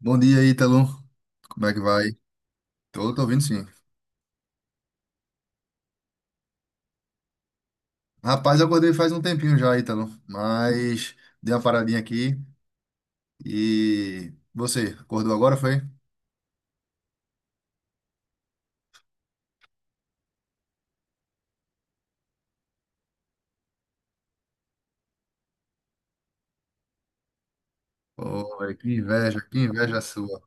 Bom dia, Ítalo. Como é que vai? Tô ouvindo sim. Rapaz, eu acordei faz um tempinho já, Ítalo, mas dei uma paradinha aqui e você, acordou agora, foi? Pô, véi, que inveja sua.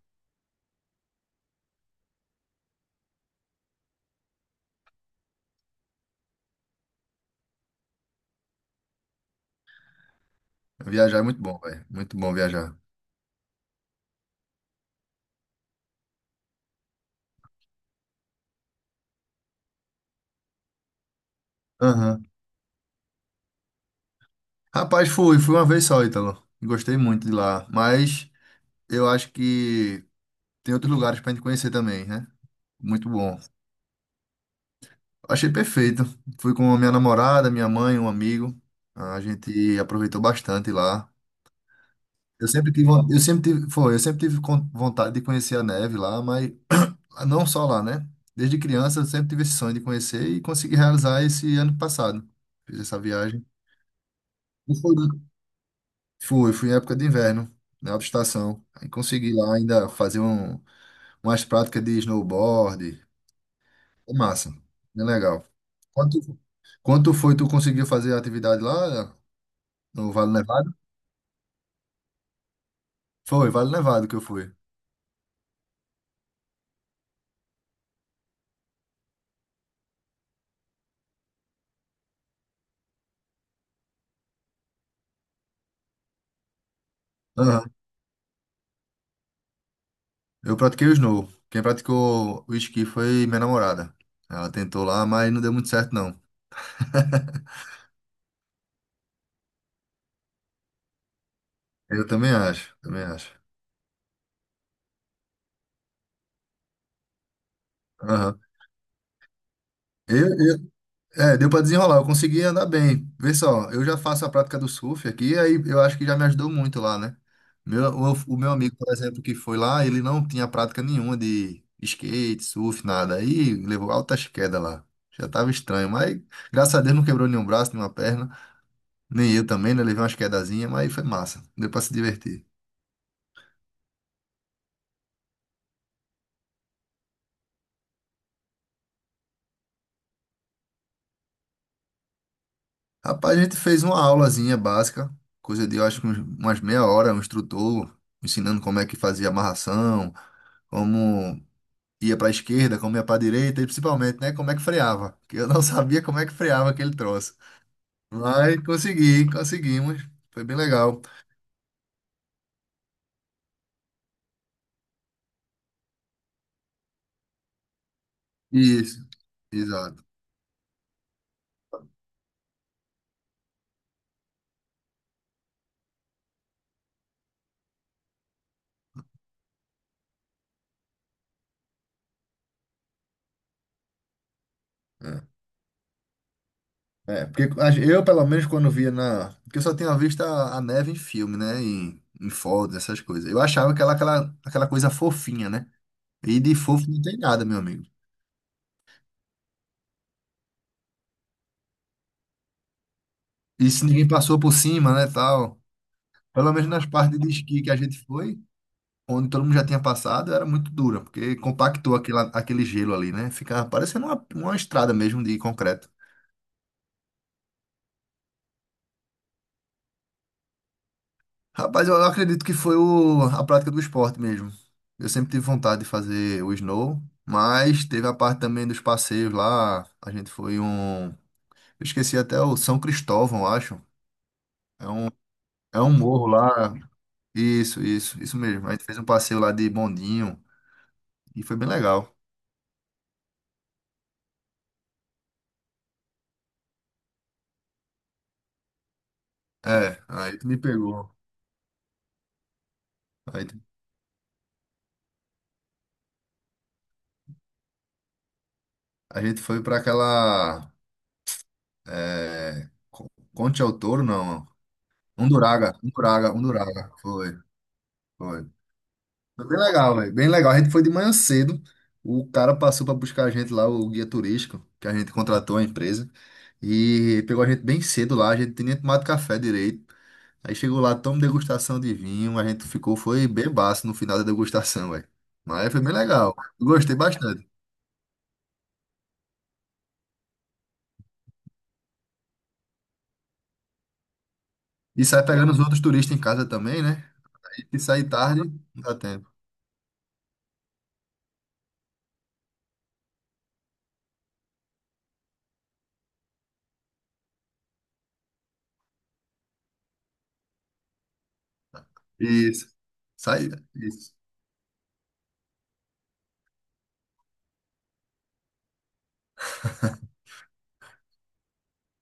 Viajar é muito bom, velho. Muito bom viajar. Aham. Rapaz, fui uma vez só, Ítalo. Gostei muito de lá, mas eu acho que tem outros lugares pra gente conhecer também, né? Muito bom. Achei perfeito. Fui com a minha namorada, minha mãe, um amigo. A gente aproveitou bastante lá. Eu sempre tive vontade de conhecer a neve lá, mas não só lá, né? Desde criança eu sempre tive esse sonho de conhecer e consegui realizar esse ano passado. Fiz essa viagem. E foi- fui em época de inverno, na alta estação. Aí consegui lá ainda fazer umas práticas de snowboard. Foi massa, bem legal. Quanto, quanto foi tu conseguiu fazer a atividade lá? No Vale Nevado? Foi, Vale Nevado que eu fui. Aham. Eu pratiquei o snow. Quem praticou o esqui foi minha namorada. Ela tentou lá, mas não deu muito certo, não. Eu também acho, também acho. Aham. Eu, eu- é, deu pra desenrolar, eu consegui andar bem. Vê só, eu já faço a prática do surf aqui, aí eu acho que já me ajudou muito lá, né? Meu, o meu amigo, por exemplo, que foi lá, ele não tinha prática nenhuma de skate, surf, nada. Aí levou altas quedas lá. Já tava estranho, mas graças a Deus não quebrou nenhum braço, nenhuma perna. Nem eu também, né? Levei umas quedazinhas, mas foi massa. Deu pra se divertir. Rapaz, a gente fez uma aulazinha básica, coisa de, eu acho que umas meia hora, um instrutor ensinando como é que fazia amarração, como ia pra esquerda, como ia pra direita e principalmente, né, como é que freava. Que eu não sabia como é que freava aquele troço. Mas consegui, conseguimos. Foi bem legal. Isso, exato. É. É, porque eu, pelo menos, quando via na. Porque eu só tinha visto a neve em filme, né? Em fotos, essas coisas. Eu achava que aquela coisa fofinha, né? E de fofo não tem nada, meu amigo. E se ninguém passou por cima, né, tal. Pelo menos nas partes de esqui que a gente foi, onde todo mundo já tinha passado, era muito dura, porque compactou aquele gelo ali, né? Ficava parecendo uma estrada mesmo de concreto. Rapaz, eu acredito que foi a prática do esporte mesmo. Eu sempre tive vontade de fazer o snow, mas teve a parte também dos passeios lá. A gente foi um. Eu esqueci até o São Cristóvão, eu acho. É um, é um morro lá. Isso mesmo. A gente fez um passeio lá de bondinho e foi bem legal. É, aí tu me pegou. Aí tu- a gente foi pra aquela. É, Conte ao Touro, não. Unduraga, Unduraga, Unduraga. Foi, foi. Foi bem legal, velho. Bem legal. A gente foi de manhã cedo. O cara passou para buscar a gente lá, o guia turístico, que a gente contratou a empresa. E pegou a gente bem cedo lá. A gente tinha nem tomado café direito. Aí chegou lá, tomamos degustação de vinho. A gente ficou, foi bebaço no final da degustação, velho. Mas foi bem legal. Eu gostei bastante. E sai pegando os outros turistas em casa também, né? Aí se sair tarde, não dá tempo. Isso. Sai. Isso.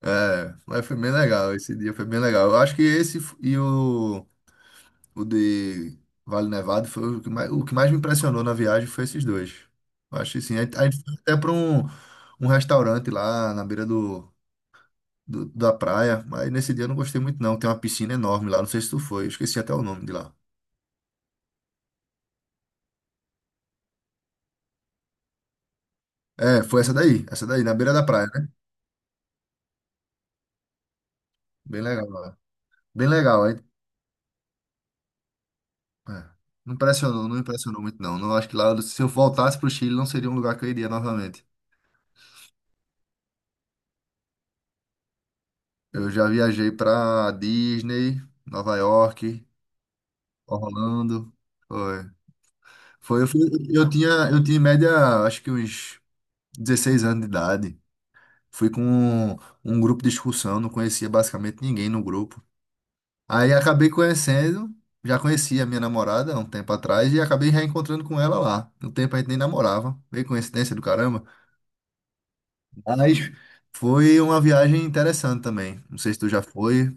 É, mas foi bem legal. Esse dia foi bem legal. Eu acho que e o. O de Vale Nevado foi o que mais me impressionou na viagem foi esses dois. Eu acho que sim. A gente foi até para um restaurante lá na beira da praia, mas nesse dia eu não gostei muito não. Tem uma piscina enorme lá, não sei se tu foi, eu esqueci até o nome de lá. É, foi essa daí, na beira da praia, né? Bem legal lá. Bem legal, aí. É. Não impressionou muito não. Não acho que lá, se eu voltasse pro Chile, não seria um lugar que eu iria novamente. Eu já viajei para Disney, Nova York, Orlando. Foi. Foi, eu, fui- eu tinha em média, acho que uns 16 anos de idade. Fui com um grupo de excursão, não conhecia basicamente ninguém no grupo. Aí acabei conhecendo, já conhecia a minha namorada há um tempo atrás e acabei reencontrando com ela lá. No tempo a gente nem namorava, meio coincidência do caramba. Mas foi uma viagem interessante também. Não sei se tu já foi.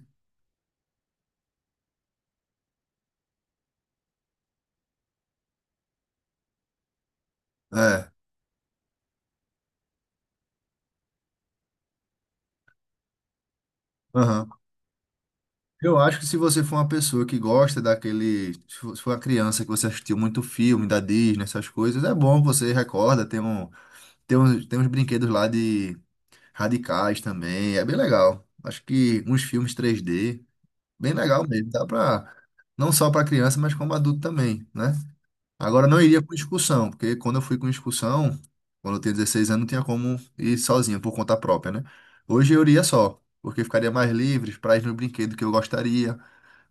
É. Eu acho que se você for uma pessoa que gosta daquele. Se for uma criança que você assistiu muito filme da Disney, essas coisas, é bom, você recorda, tem uns brinquedos lá de radicais também, é bem legal. Acho que uns filmes 3D, bem legal mesmo, dá pra. Não só pra criança, mas como adulto também, né? Agora não iria com excursão, porque quando eu fui com excursão, quando eu tinha 16 anos, não tinha como ir sozinho, por conta própria, né? Hoje eu iria só, porque ficaria mais livre para ir no brinquedo que eu gostaria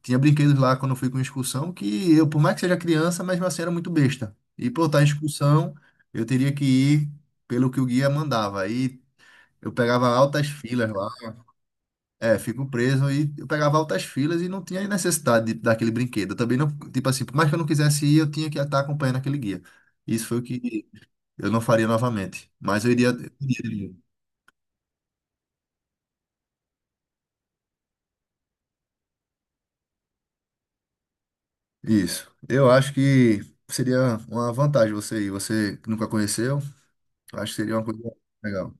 tinha brinquedos lá quando eu fui com excursão que eu, por mais que seja criança, mesmo assim era muito besta. E por estar em excursão, eu teria que ir pelo que o guia mandava. Aí eu pegava altas filas lá, é, fico preso e eu pegava altas filas e não tinha necessidade daquele brinquedo. Eu também não, tipo assim, por mais que eu não quisesse ir, eu tinha que estar acompanhando aquele guia. Isso foi o que eu não faria novamente. Mas eu iria. Eu iria. Isso. Eu acho que seria uma vantagem você ir. Você que nunca conheceu, eu acho que seria uma coisa legal.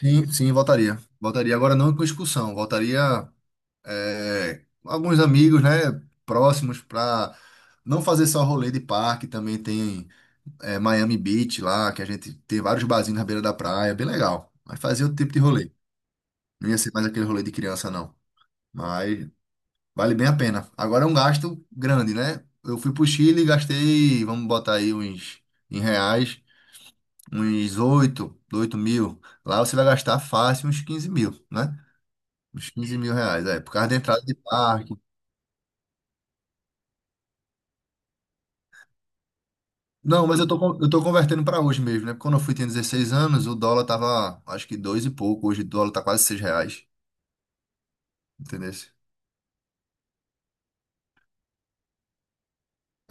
Sim, sim, voltaria. Voltaria agora não com expulsão, voltaria é, alguns amigos, né, próximos para não fazer só rolê de parque, também tem é, Miami Beach lá, que a gente tem vários barzinhos na beira da praia, bem legal. Mas fazer outro tipo de rolê. Não ia ser mais aquele rolê de criança, não. Mas vale bem a pena. Agora é um gasto grande, né? Eu fui pro Chile e gastei, vamos botar aí uns em reais, uns oito mil. Lá você vai gastar fácil uns 15 mil, né? Uns 15 mil reais, é, por causa da entrada de parque. Não, mas eu tô, eu tô convertendo para hoje mesmo, né? Porque quando eu fui, tinha 16 anos, o dólar tava, acho que dois e pouco. Hoje o dólar tá quase 6 reais, entendeu?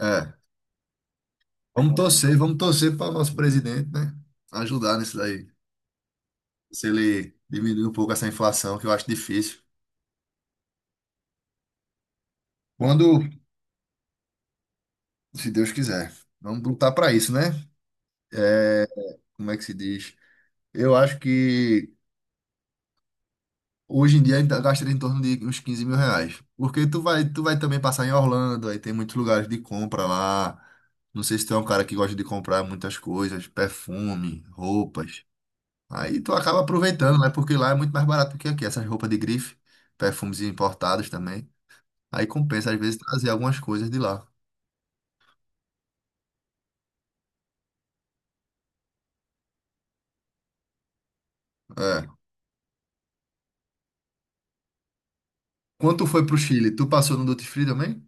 É, vamos torcer para o nosso presidente, né? Ajudar nisso daí. Se ele diminuir um pouco essa inflação, que eu acho difícil. Quando, se Deus quiser, vamos lutar para isso, né? É, como é que se diz? Eu acho que hoje em dia ainda gastaria em torno de uns 15 mil reais. Porque tu vai também passar em Orlando, aí tem muitos lugares de compra lá. Não sei se tu é um cara que gosta de comprar muitas coisas, perfume, roupas. Aí tu acaba aproveitando, né? Porque lá é muito mais barato do que aqui, essas roupas de grife, perfumes importados também. Aí compensa, às vezes, trazer algumas coisas de lá. É. Quando tu foi pro Chile, tu passou no Duty Free também?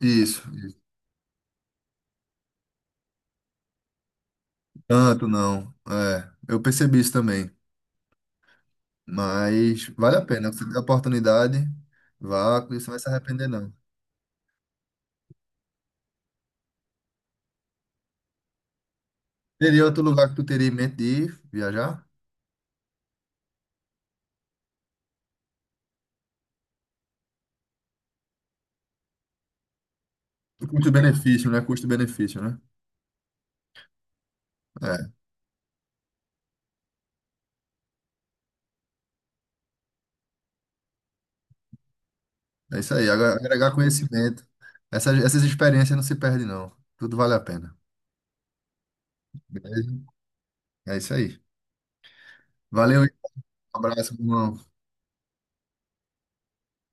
Isso. Isso. Tanto não. É, eu percebi isso também. Mas vale a pena. Você tem a oportunidade, vá, que você não vai se arrepender, não. Teria outro lugar que tu teria em mente de ir viajar? Custo-benefício, né? Custo-benefício, né? É, é isso aí. Agregar conhecimento. Essas experiências não se perdem, não. Tudo vale a pena. Beleza? É isso aí. Valeu, um abraço, meu irmão.